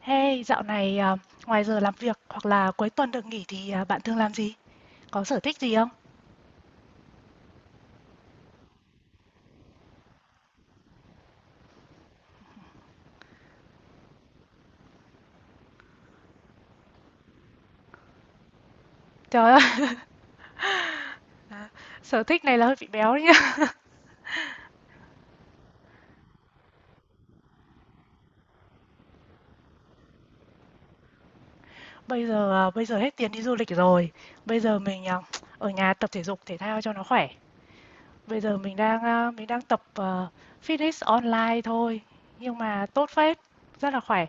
Hey, dạo này ngoài giờ làm việc hoặc là cuối tuần được nghỉ thì bạn thường làm gì? Có sở thích gì không? Trời ơi, sở thích này là hơi bị béo đấy nhá. Bây giờ à, bây giờ hết tiền đi du lịch rồi. Bây giờ mình à, Ở nhà tập thể dục thể thao cho nó khỏe. Bây giờ mình đang à, Mình đang tập fitness online thôi, nhưng mà tốt phết, rất là khỏe.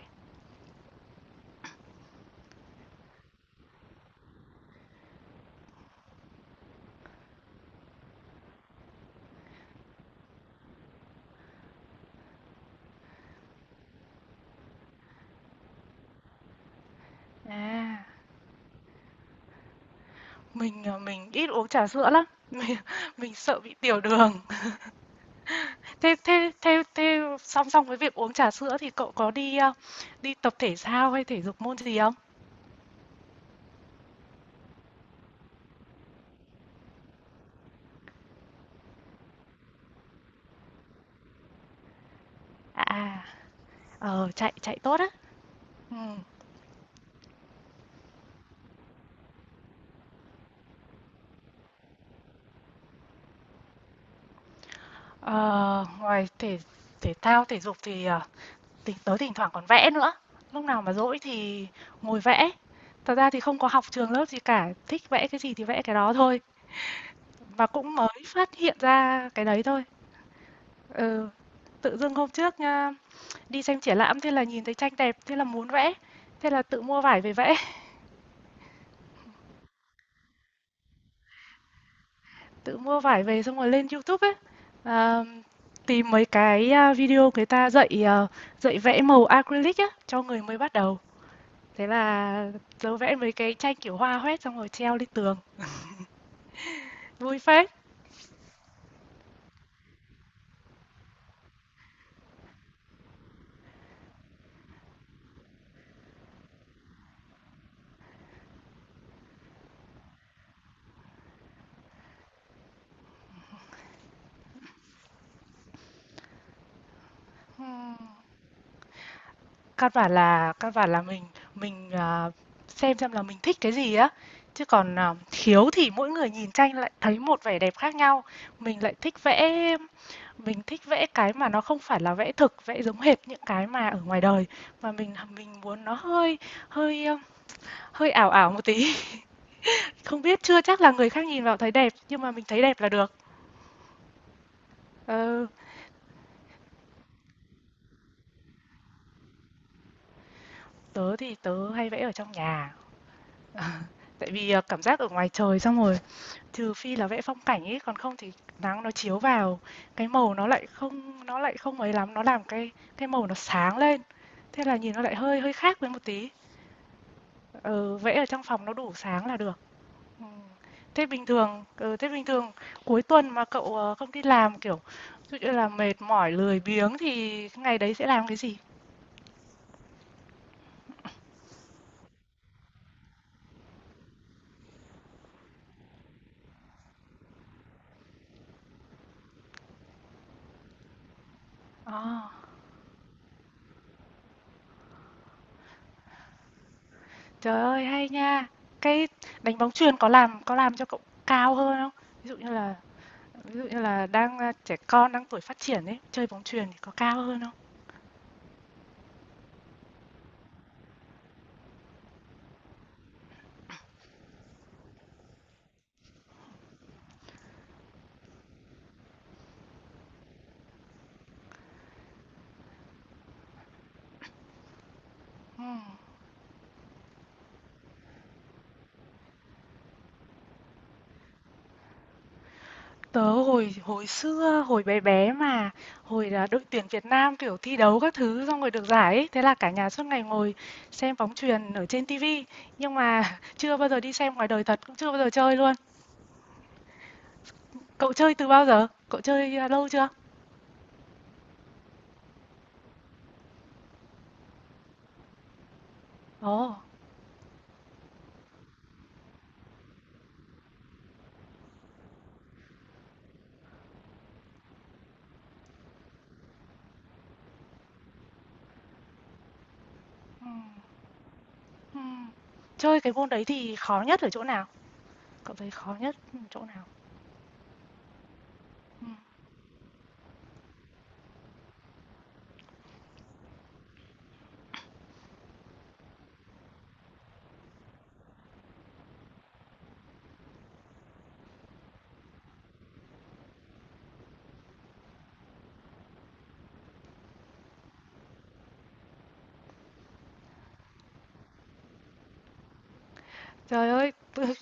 À, mình ít uống trà sữa lắm. Mình, mình sợ bị tiểu đường. Thế thế thế thế song song với việc uống trà sữa thì cậu có đi tập thể thao hay thể dục môn gì không? À, ờ, chạy chạy tốt á. Ừm, ờ, ngoài thể thể thao, thể dục thì, ờ, thỉnh thoảng còn vẽ nữa. Lúc nào mà rỗi thì ngồi vẽ. Thật ra thì không có học trường lớp gì cả, thích vẽ cái gì thì vẽ cái đó thôi, và cũng mới phát hiện ra cái đấy thôi. Ừ, tự dưng hôm trước đi xem triển lãm, thế là nhìn thấy tranh đẹp, thế là muốn vẽ, thế là tự mua vải về vẽ. Tự mua vải về xong rồi lên YouTube ấy, à, tìm mấy cái video người ta dạy, ờ, dạy vẽ màu acrylic á, cho người mới bắt đầu. Thế là tớ vẽ mấy cái tranh kiểu hoa hoét xong rồi treo lên tường, vui phết. Ừm, căn bản là mình xem là mình thích cái gì á, chứ còn, à, khiếu thì mỗi người nhìn tranh lại thấy một vẻ đẹp khác nhau. Mình lại thích vẽ Mình thích vẽ cái mà nó không phải là vẽ thực, vẽ giống hệt những cái mà ở ngoài đời, mà mình muốn nó hơi hơi, ơ, hơi ảo ảo một tí. Không biết, chưa chắc là người khác nhìn vào thấy đẹp, nhưng mà mình thấy đẹp là được. Ừ, tớ hay vẽ ở trong nhà, tại vì, ờ, cảm giác ở ngoài trời xong rồi, trừ phi là vẽ phong cảnh ấy, còn không thì nắng nó chiếu vào, cái màu nó lại không ấy lắm, nó làm cái màu nó sáng lên, thế là nhìn nó lại hơi hơi khác với một tí. Ừ, vẽ ở trong phòng nó đủ sáng là được. Ừm. Thế bình thường ừ, thế bình thường cuối tuần mà cậu, ờ, không đi làm, kiểu, ví dụ như là mệt mỏi, lười biếng thì cái ngày đấy sẽ làm cái gì? Ờ, trời ơi, hay nha! Cái đánh bóng chuyền có làm cho cậu cao hơn không? Ví dụ như là Ví dụ như là trẻ con đang tuổi phát triển ấy, chơi bóng chuyền thì có cao hơn không? Ừm. Tớ hồi hồi xưa, hồi bé bé mà, hồi là đội tuyển Việt Nam, kiểu, thi đấu các thứ xong rồi được giải ấy, thế là cả nhà suốt ngày ngồi xem bóng chuyền ở trên ti, nhưng mà chưa bao giờ đi xem ngoài đời thật, cũng chưa bao giờ chơi luôn. Cậu chơi từ bao giờ? Lâu chưa? Ồ, ừm, ừm. Chơi cái môn đấy thì khó nhất ở chỗ nào? Cậu thấy khó nhất chỗ nào? Ừm. Trời ơi,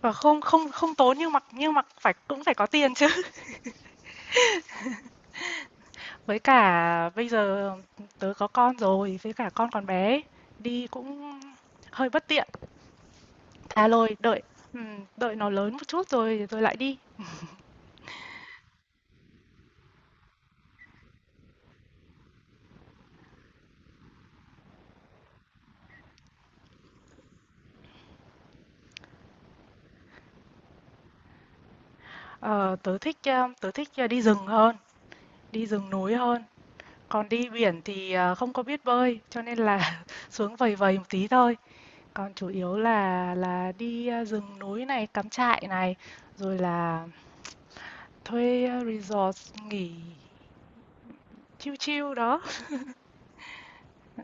và không không không tốn, nhưng mà phải cũng phải có tiền chứ. Với cả bây giờ tớ có con rồi, với cả con còn bé, đi cũng hơi bất tiện. À rồi, đợi đợi nó lớn một chút rồi rồi lại đi. Ờ, tớ thích, ờ, đi rừng hơn, đi rừng núi hơn. Còn đi biển thì ờ, không có biết bơi, cho nên là xuống vầy vầy một tí thôi. Còn chủ yếu là đi ờ, rừng núi này, cắm trại này, rồi là thuê ờ, resort nghỉ chill chill đó. Ừ,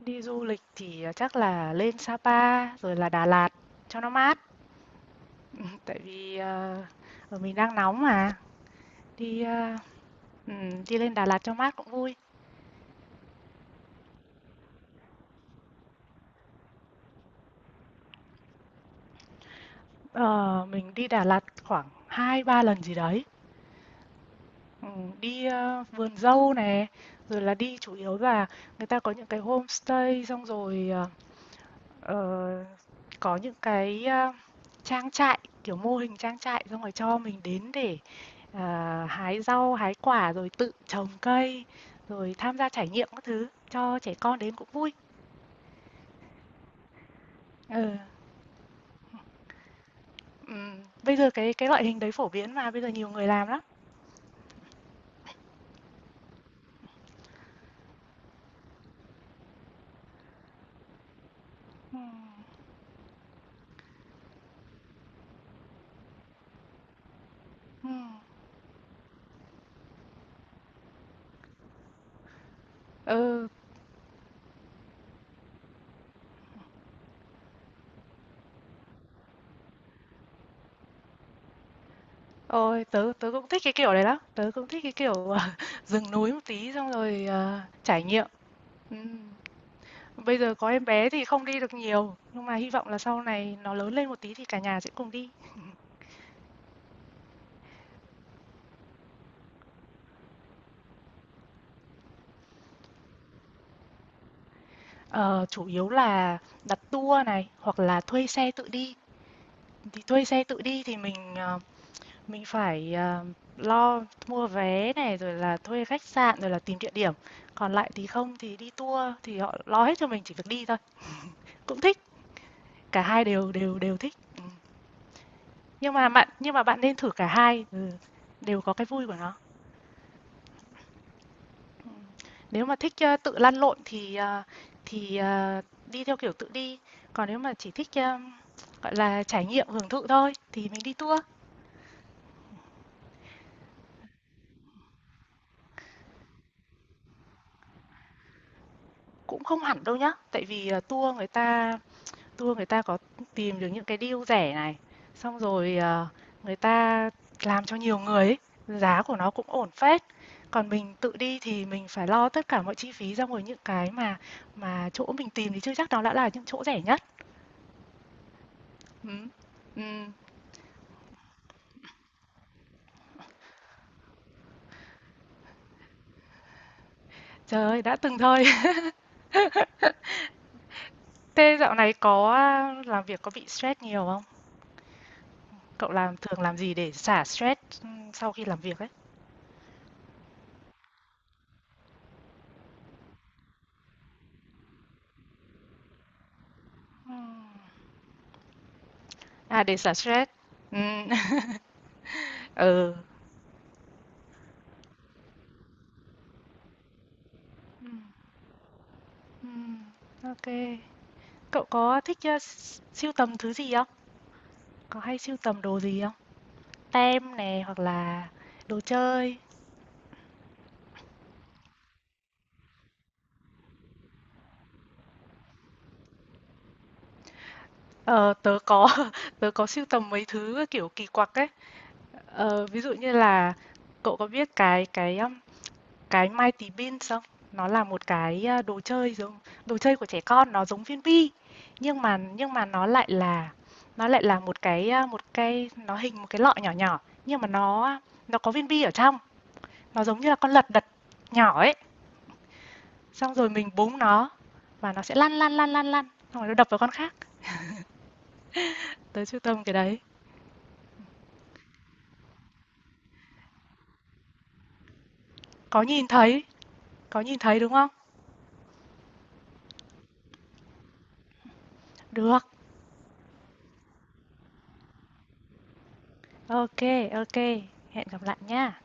đi du lịch thì, à, chắc là lên Sapa rồi là Đà Lạt cho nó mát. Tại vì, mình đang nóng mà, đi, a, đi lên Đà Lạt cho mát cũng vui. Ờ, mình đi Đà Lạt khoảng hai ba lần gì đấy. Vườn dâu này, rồi là đi chủ yếu là người ta có những cái homestay xong rồi, ờ, có những trang trại, kiểu, mô hình trang trại xong rồi cho mình đến để ờ, hái rau, hái quả rồi tự trồng cây, rồi tham gia trải nghiệm các thứ cho trẻ con đến cũng vui. Ừ. Ừm, bây giờ cái loại hình đấy phổ biến mà bây giờ nhiều người làm lắm. Ừm, ừm. Ừ, ôi tớ tớ cũng thích cái kiểu đấy lắm. Tớ cũng thích cái kiểu ờ, rừng núi một tí xong rồi ờ, trải nghiệm. Ừm. Bây giờ có em bé thì không đi được nhiều, nhưng mà hy vọng là sau này nó lớn lên một tí thì cả nhà sẽ cùng đi. Ờ, chủ yếu là đặt tour này hoặc là thuê xe tự đi. Thì thuê xe tự đi thì mình, ờ, mình phải, ờ, lo mua vé này, rồi là thuê khách sạn, rồi là tìm địa điểm. Còn lại thì không thì đi tour thì họ lo hết cho mình, chỉ việc đi thôi. Cũng thích, cả hai đều đều đều thích. Ừm. Nhưng mà bạn nên thử cả hai, ừ, đều có cái vui của nó. Ừm. Nếu mà thích, ơ, tự lăn lộn thì, ờ, đi theo kiểu tự đi, còn nếu mà chỉ thích, ơ, gọi là trải nghiệm hưởng thụ thôi thì mình đi tour. Cũng không hẳn đâu nhá, tại vì, ờ, tour người ta có tìm được những cái deal rẻ này, xong rồi, ờ, người ta làm cho nhiều người ấy, giá của nó cũng ổn phết. Còn mình tự đi thì mình phải lo tất cả mọi chi phí, ra ngoài những cái mà chỗ mình tìm thì chưa chắc đó đã là những chỗ rẻ nhất. Ừm, ừm, trời ơi, đã từng thôi. Thế dạo này có, ờ, làm việc có bị stress nhiều không? Cậu làm thường làm gì để xả stress, sau khi làm việc ấy? Ừm, à, để xả stress. Ừm. Ừ. Ừm, OK. Cậu có thích, ơ, sưu tầm thứ gì không? Có hay sưu tầm đồ gì không? Tem này hoặc là đồ chơi? Ờ, tớ có tớ có sưu tầm mấy thứ, ờ, kiểu, kỳ quặc ấy. Ờ, ví dụ như là cậu có biết cái Mighty Beanz không? Nó là một đồ chơi giống đồ chơi của trẻ con, nó giống viên bi, nhưng mà nó lại là một một cái, nó hình một cái lọ nhỏ nhỏ, nhưng mà nó có viên bi ở trong. Nó giống như là con lật đật nhỏ ấy, xong rồi mình búng nó và nó sẽ lăn lăn lăn lăn lăn, xong rồi nó đập vào con khác. Tớ sưu tầm cái đấy. Có nhìn thấy, có nhìn thấy đúng không? Được. Ok, ok. Hẹn gặp lại nha.